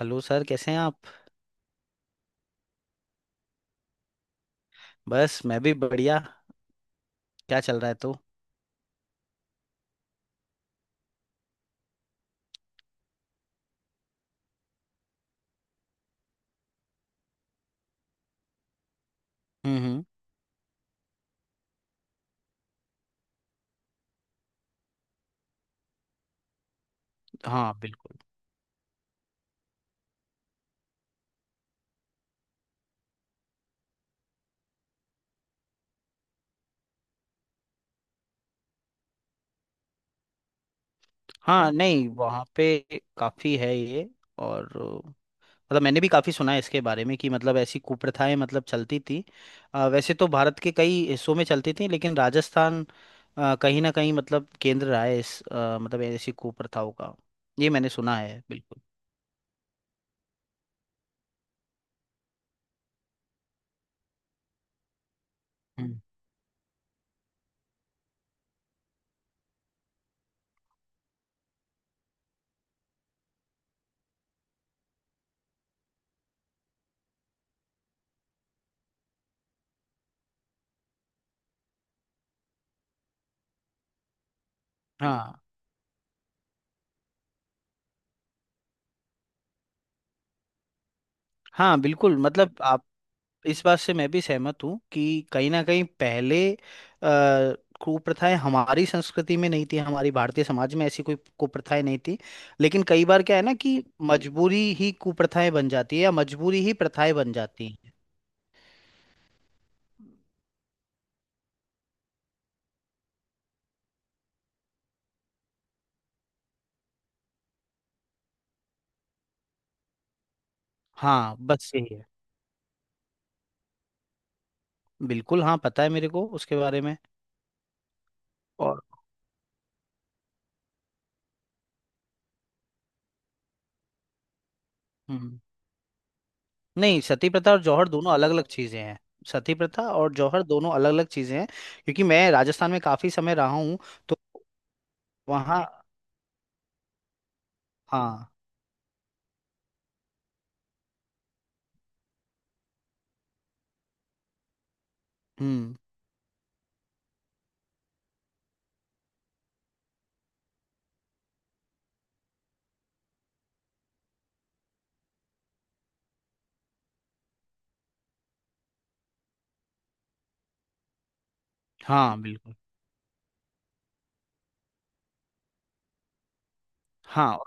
Hello sir कैसे हैं आप। बस मैं भी बढ़िया। क्या चल रहा है तो। हम्म। हाँ बिल्कुल। हाँ नहीं वहाँ पे काफ़ी है ये। और मतलब मैंने भी काफ़ी सुना है इसके बारे में कि मतलब ऐसी कुप्रथाएं मतलब चलती थी। वैसे तो भारत के कई हिस्सों में चलती थी लेकिन राजस्थान कहीं ना कहीं मतलब केंद्र रहा है इस मतलब ऐसी कुप्रथाओं का। ये मैंने सुना है बिल्कुल। हम्म। हाँ हाँ बिल्कुल मतलब आप इस बात से मैं भी सहमत हूँ कि कहीं ना कहीं पहले कुप्रथाएं हमारी संस्कृति में नहीं थी हमारी भारतीय समाज में ऐसी कोई कुप्रथाएं नहीं थी। लेकिन कई बार क्या है ना कि मजबूरी ही कुप्रथाएं बन जाती है या मजबूरी ही प्रथाएं बन जाती हैं। हाँ बस यही है। बिल्कुल हाँ पता है मेरे को उसके बारे में। और। हम्म। नहीं सती प्रथा और जौहर दोनों अलग अलग चीजें हैं। सती प्रथा और जौहर दोनों अलग अलग चीजें हैं। क्योंकि मैं राजस्थान में काफी समय रहा हूँ तो वहाँ। हाँ। हम्म। हाँ बिल्कुल। हाँ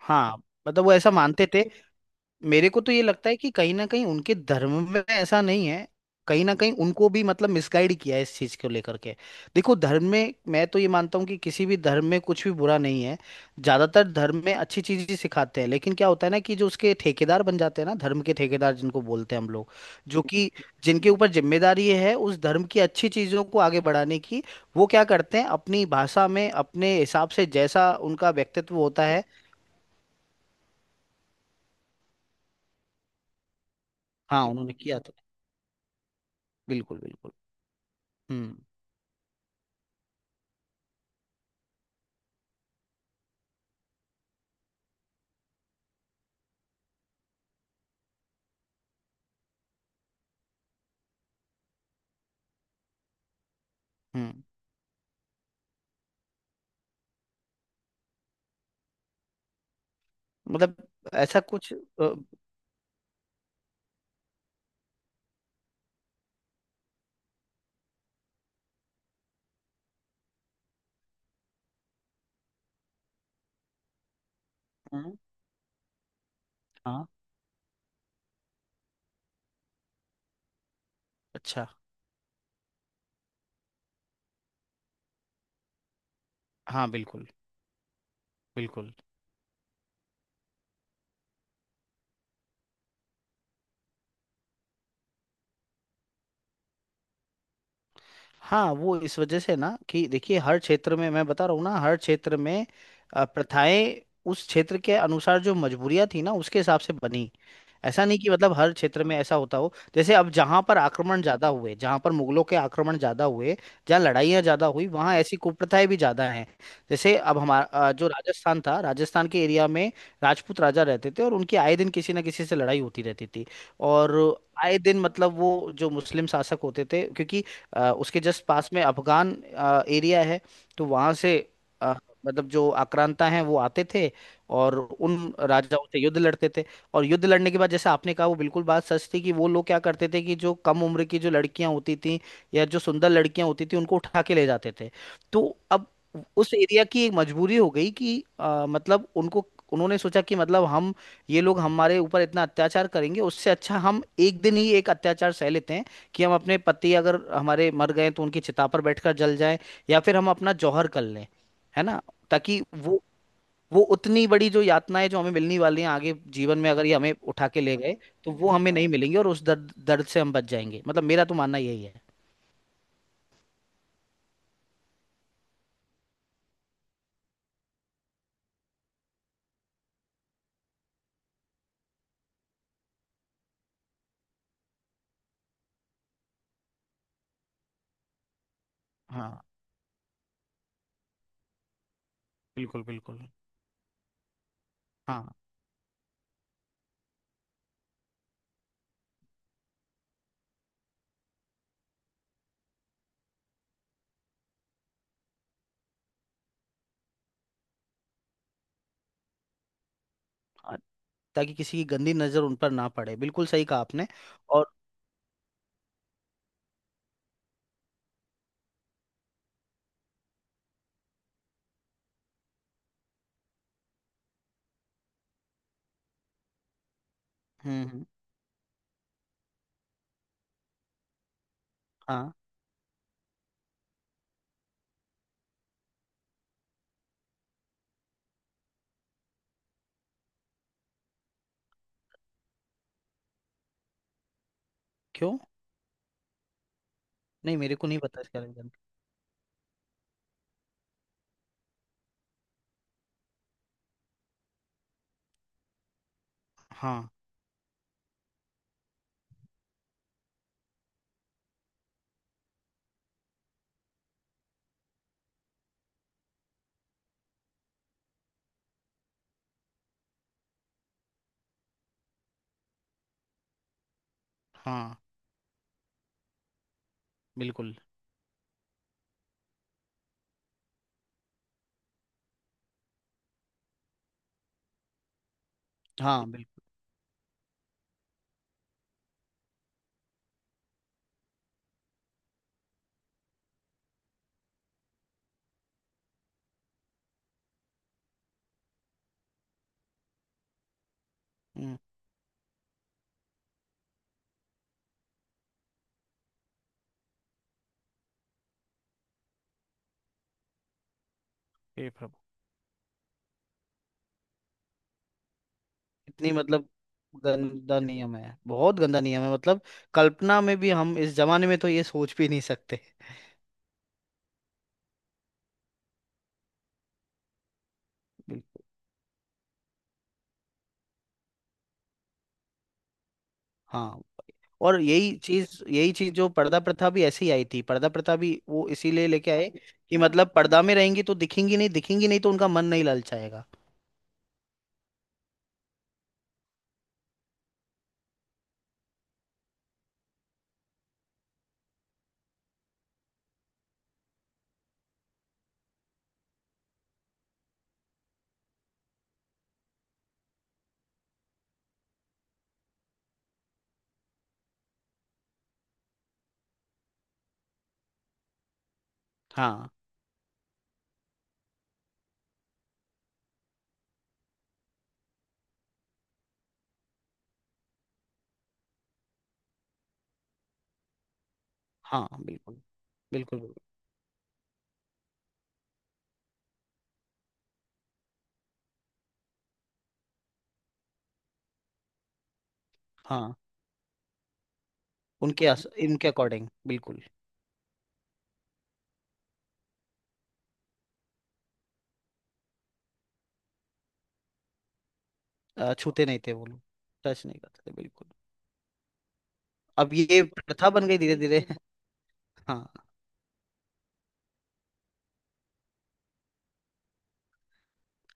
हाँ। मतलब वो ऐसा मानते थे। मेरे को तो ये लगता है कि कहीं ना कहीं उनके धर्म में ऐसा नहीं है। कहीं ना कहीं उनको भी मतलब मिसगाइड किया है इस चीज को लेकर के। देखो धर्म में मैं तो ये मानता हूँ कि किसी भी धर्म में कुछ भी बुरा नहीं है। ज्यादातर धर्म में अच्छी चीज ही सिखाते हैं लेकिन क्या होता है ना कि जो उसके ठेकेदार बन जाते हैं ना धर्म के ठेकेदार जिनको बोलते हैं हम लोग जो कि जिनके ऊपर जिम्मेदारी ये है उस धर्म की अच्छी चीजों को आगे बढ़ाने की वो क्या करते हैं अपनी भाषा में अपने हिसाब से जैसा उनका व्यक्तित्व होता है। हाँ उन्होंने किया था। बिल्कुल बिल्कुल। हम्म हम्म। मतलब ऐसा कुछ हम्म। हाँ। अच्छा। हाँ बिल्कुल। बिल्कुल। हाँ वो इस वजह से ना कि देखिए हर क्षेत्र में मैं बता रहा हूँ ना हर क्षेत्र में प्रथाएं उस क्षेत्र के अनुसार जो मजबूरियां थी ना उसके हिसाब से बनी। ऐसा नहीं कि मतलब हर क्षेत्र में ऐसा होता हो जैसे अब जहां पर आक्रमण ज्यादा हुए जहां पर मुगलों के आक्रमण ज्यादा हुए जहां लड़ाइयाँ ज्यादा हुई वहां ऐसी कुप्रथाएं भी ज्यादा हैं। जैसे अब हमारा जो राजस्थान था राजस्थान के एरिया में राजपूत राजा रहते थे और उनकी आए दिन किसी ना किसी से लड़ाई होती रहती थी। और आए दिन मतलब वो जो मुस्लिम शासक होते थे क्योंकि उसके जस्ट पास में अफगान एरिया है। तो वहां से अ, मतलब जो आक्रांता हैं वो आते थे और उन राजाओं से युद्ध लड़ते थे। और युद्ध लड़ने के बाद जैसे आपने कहा वो बिल्कुल बात सच थी कि वो लोग क्या करते थे कि जो कम उम्र की जो लड़कियां होती थी या जो सुंदर लड़कियां होती थी उनको उठा के ले जाते थे। तो अब उस एरिया की एक मजबूरी हो गई कि मतलब उनको उन्होंने सोचा कि मतलब हम ये लोग हमारे ऊपर इतना अत्याचार करेंगे उससे अच्छा हम एक दिन ही एक अत्याचार सह लेते हैं कि हम अपने पति अगर हमारे मर गए तो उनकी चिता पर बैठकर जल जाएं या फिर हम अपना जौहर कर लें है ना ताकि वो उतनी बड़ी जो यातनाएं जो हमें मिलने वाली हैं आगे जीवन में अगर ये हमें उठा के ले गए तो वो हमें नहीं मिलेंगी और उस दर्द दर्द से हम बच जाएंगे मतलब मेरा तो मानना यही है। हाँ बिल्कुल बिल्कुल। हाँ हाँ, ताकि किसी की गंदी नजर उन पर ना पड़े बिल्कुल सही कहा आपने। और हम्म। हाँ। क्यों। नहीं मेरे को नहीं पता इसका रीजन। हाँ हाँ बिल्कुल। हाँ बिल्कुल। हम्म। हे प्रभु। इतनी मतलब गंदा नियम है बहुत गंदा नियम है मतलब कल्पना में भी हम इस जमाने में तो ये सोच भी नहीं सकते। बिल- हाँ। और यही चीज जो पर्दा प्रथा भी ऐसे ही आई थी पर्दा प्रथा भी वो इसीलिए लेके आए कि मतलब पर्दा में रहेंगी तो दिखेंगी नहीं। दिखेंगी नहीं तो उनका मन नहीं ललचाएगा। हाँ हाँ बिल्कुल बिल्कुल बिल्कुल। हाँ उनके इनके अकॉर्डिंग बिल्कुल। छूते नहीं थे वो लोग। टच नहीं करते थे बिल्कुल। अब ये प्रथा बन गई धीरे धीरे हाँ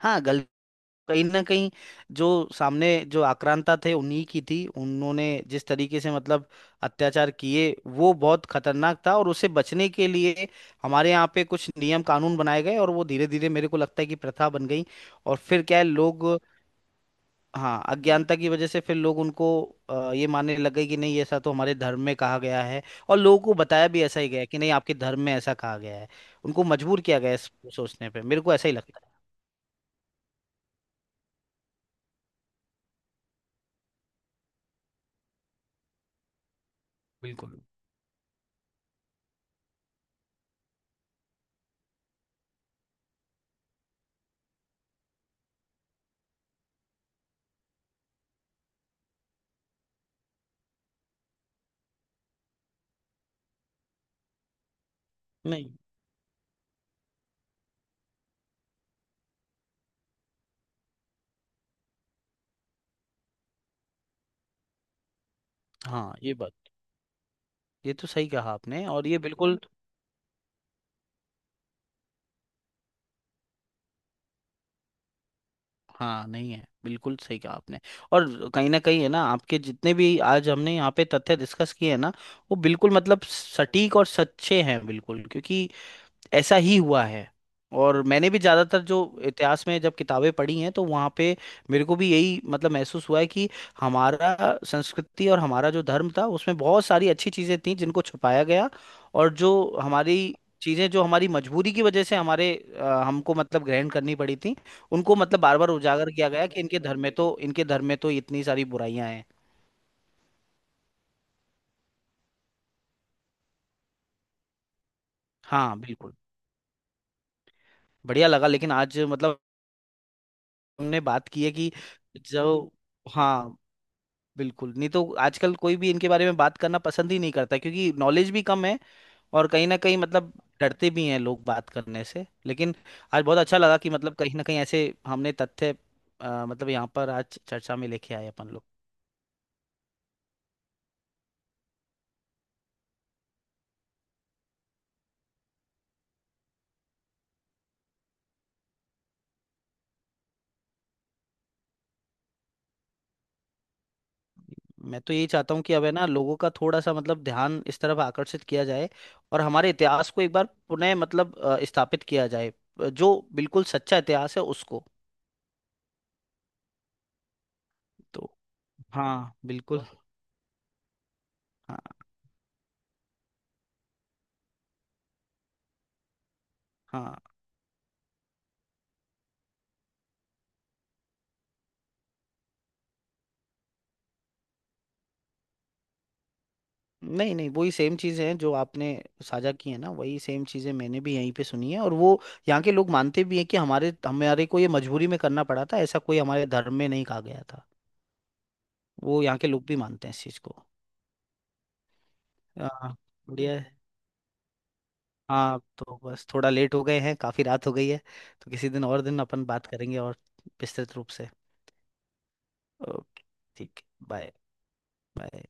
हाँ कहीं ना कहीं जो सामने जो आक्रांता थे उन्हीं की थी उन्होंने जिस तरीके से मतलब अत्याचार किए वो बहुत खतरनाक था और उसे बचने के लिए हमारे यहाँ पे कुछ नियम कानून बनाए गए और वो धीरे धीरे मेरे को लगता है कि प्रथा बन गई। और फिर क्या है लोग। हाँ अज्ञानता की वजह से फिर लोग उनको ये मानने लग गए कि नहीं ऐसा तो हमारे धर्म में कहा गया है। और लोगों को बताया भी ऐसा ही गया है कि नहीं आपके धर्म में ऐसा कहा गया है। उनको मजबूर किया गया है सोचने पे मेरे को ऐसा ही लगता है। बिल्कुल। नहीं। हाँ ये बात। ये तो सही कहा आपने और ये बिल्कुल। हाँ नहीं है बिल्कुल सही कहा आपने। और कहीं ना कहीं है ना आपके जितने भी आज हमने यहाँ पे तथ्य डिस्कस किए हैं ना वो बिल्कुल मतलब सटीक और सच्चे हैं बिल्कुल क्योंकि ऐसा ही हुआ है। और मैंने भी ज़्यादातर जो इतिहास में जब किताबें पढ़ी हैं तो वहाँ पे मेरे को भी यही मतलब महसूस हुआ है कि हमारा संस्कृति और हमारा जो धर्म था उसमें बहुत सारी अच्छी चीज़ें थी जिनको छुपाया गया। और जो हमारी चीज़ें जो हमारी मजबूरी की वजह से हमारे हमको मतलब ग्रहण करनी पड़ी थी उनको मतलब बार बार उजागर किया गया कि इनके धर्म में तो इतनी सारी बुराइयां हैं। हाँ बिल्कुल। बढ़िया लगा लेकिन आज मतलब हमने बात की है कि जो। हाँ बिल्कुल नहीं तो आजकल कोई भी इनके बारे में बात करना पसंद ही नहीं करता क्योंकि नॉलेज भी कम है। और कहीं ना कहीं मतलब डरते भी हैं लोग बात करने से लेकिन आज बहुत अच्छा लगा कि मतलब कहीं ना कहीं ऐसे हमने तथ्य मतलब यहाँ पर आज चर्चा में लेके आए अपन लोग। मैं तो यही चाहता हूँ कि अब है ना लोगों का थोड़ा सा मतलब ध्यान इस तरफ आकर्षित किया जाए और हमारे इतिहास को एक बार पुनः मतलब स्थापित किया जाए। जो बिल्कुल सच्चा इतिहास है उसको। तो। हाँ बिल्कुल। हाँ हाँ। नहीं नहीं वही सेम चीज़ें हैं जो आपने साझा की है ना वही सेम चीज़ें मैंने भी यहीं पे सुनी है। और वो यहाँ के लोग मानते भी हैं कि हमारे हमारे को ये मजबूरी में करना पड़ा था ऐसा कोई हमारे धर्म में नहीं कहा गया था। वो यहाँ के लोग भी मानते हैं इस चीज़ को। हाँ। बढ़िया है। हाँ तो बस थोड़ा लेट हो गए हैं काफ़ी रात हो गई है। तो किसी दिन और दिन अपन बात करेंगे और विस्तृत रूप से। ओके। ठीक। बाय। बाय।